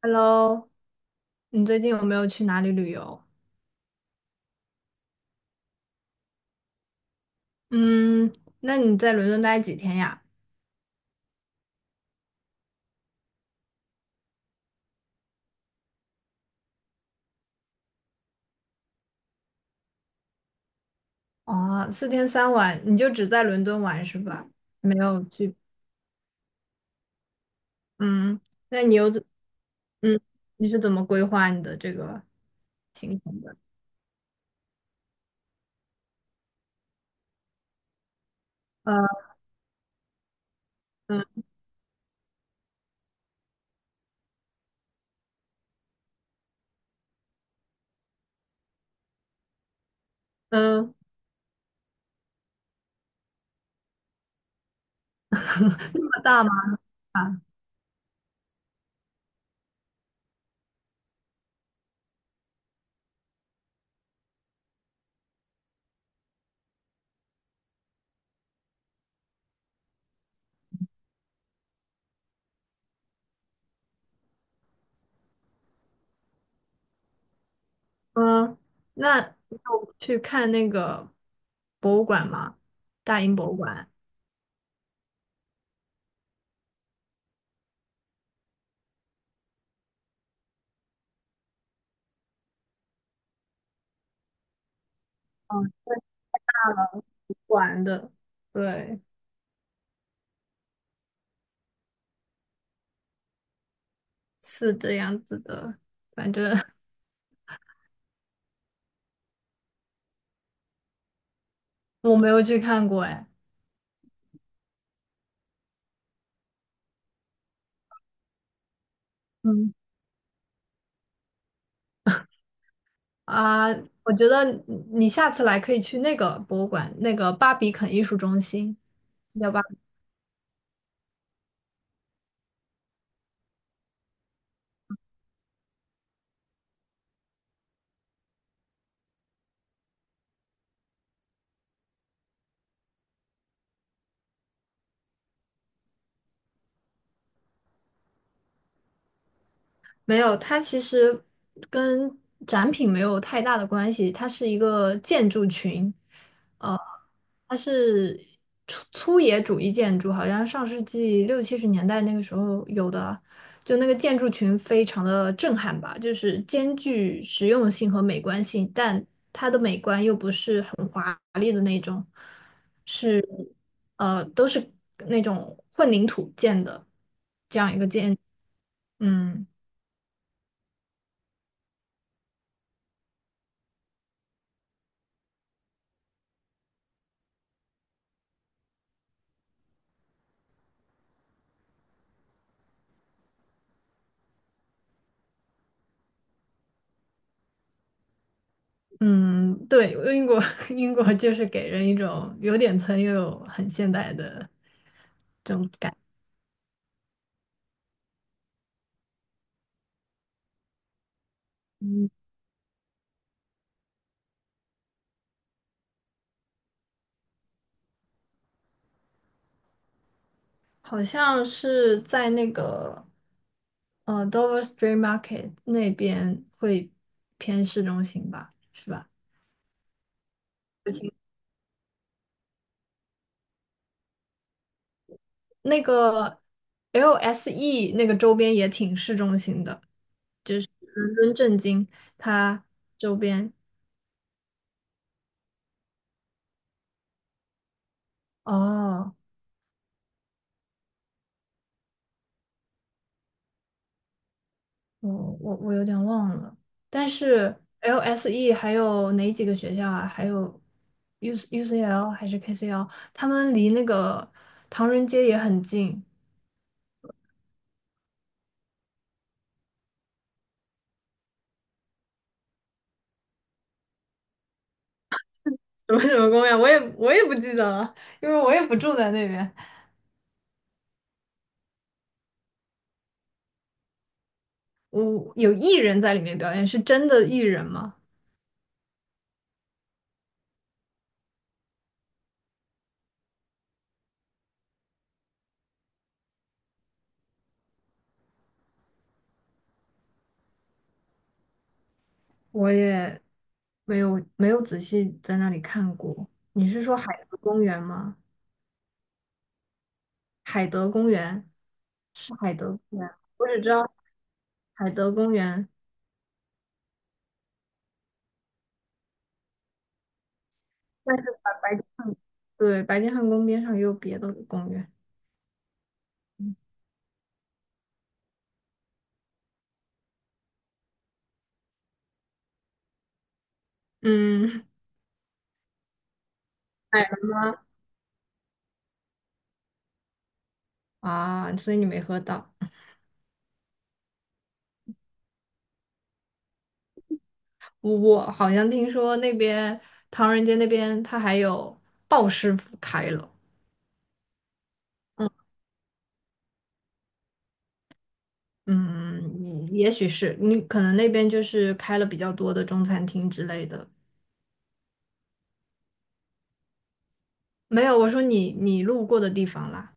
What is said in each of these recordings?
Hello，你最近有没有去哪里旅游？嗯，那你在伦敦待几天呀？哦，四天三晚，你就只在伦敦玩是吧？没有去，嗯，那你又怎，嗯，你是怎么规划你的这个行程的？呃，嗯嗯，那么大吗？嗯，那你有去看那个博物馆吗？大英博物馆。嗯，玩的，对，是这样子的，反正 我没有去看过哎。嗯，啊，我觉得你下次来可以去那个博物馆，那个巴比肯艺术中心，道吧？没有，它其实跟展品没有太大的关系，它是一个建筑群，它是粗野主义建筑，好像上世纪60、70年代那个时候有的，就那个建筑群非常的震撼吧，就是兼具实用性和美观性，但它的美观又不是很华丽的那种，是都是那种混凝土建的，嗯嗯，对，英国 英国就是给人一种有点村又有很现代的。这种感。好像是在那个Dover Street Market 那边会偏市中心吧，是吧？不清那个 LSE 那个周边也挺市中心的，伦敦政经它周边哦，我我有点忘了，但是 LSE 还有哪几个学校啊？还有 U UCL 还是 KCL，他们离那个唐人街也很近。什么什么公园，我也不记得了，因为我也不住在那边。我有艺人在里面表演，是真的艺人吗？我也没有仔细在那里看过。你是说海德公园吗？海德公园是海德公园，我只知道海德公园，但是白金汉宫边上也有别的公园。嗯，哎啊，所以你没喝到。我好像听说那边唐人街那边他还有鲍师傅开了，嗯，嗯，也许是你可能那边就是开了比较多的中餐厅之类的。没有，我说你路过的地方啦，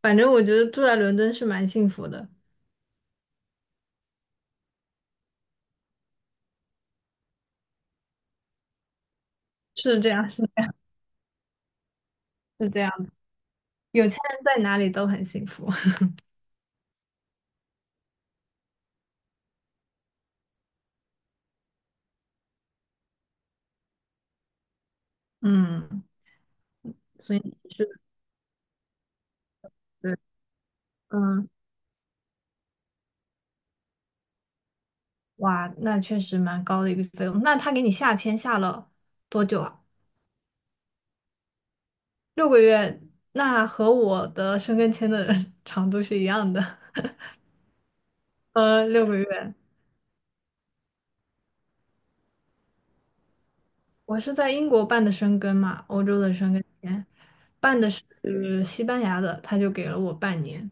反正我觉得住在伦敦是蛮幸福的，是这样，是是这样的，有钱人在哪里都很幸福。嗯，所以是，对，嗯，哇，那确实蛮高的一个费用。那他给你下签下了多久啊？六个月，那和我的生根签的 长度是一样的，六个月。我是在英国办的生根嘛，欧洲的生根签，办的是西班牙的，他就给了我半年。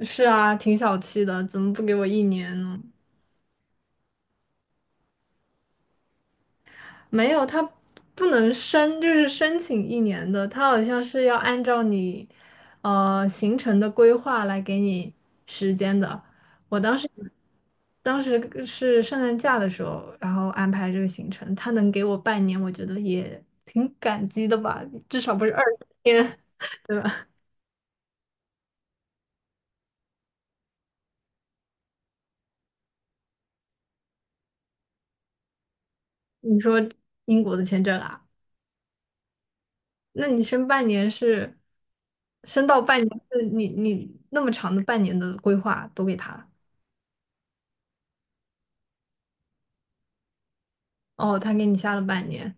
是啊，挺小气的，怎么不给我一年呢？没有，他不能申，就是申请一年的，他好像是要按照你行程的规划来给你时间的。我当时当时是圣诞假的时候，然后安排这个行程，他能给我半年，我觉得也挺感激的吧，至少不是20天，对吧？你说英国的签证啊，那你申半年是申到半年，是你那么长的半年的规划都给他。哦，他给你下了半年。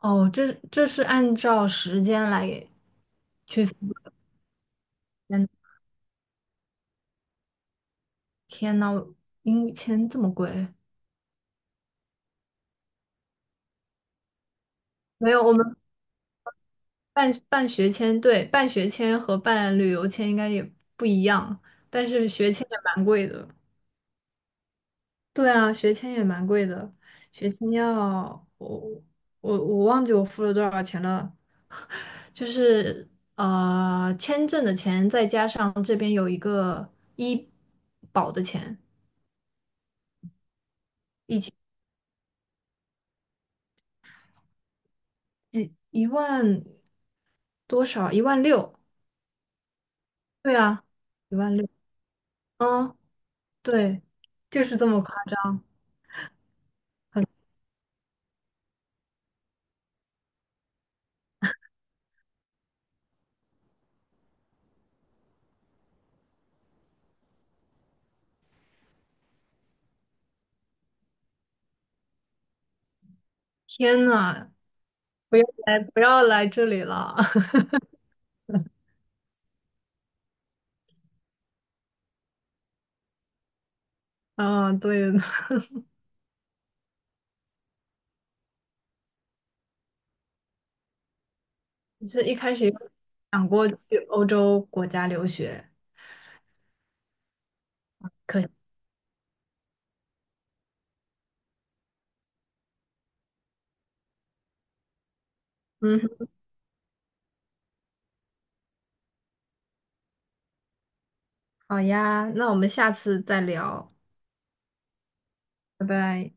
哦，这是按照时间来给。天天呐，英语签这么贵？没有，我们办学签，对，办学签和办旅游签应该也不一样，但是学签也蛮贵的。对啊，学签也蛮贵的，学签要我忘记我付了多少钱了，就是签证的钱再加上这边有一个医保的钱。一万多少？一万六？对啊，一万六。嗯，对，就是这么快！天呐，不要来这里了。嗯，对，就是一开始有想过去欧洲国家留学，可惜嗯哼好呀，那我们下次再聊，拜拜。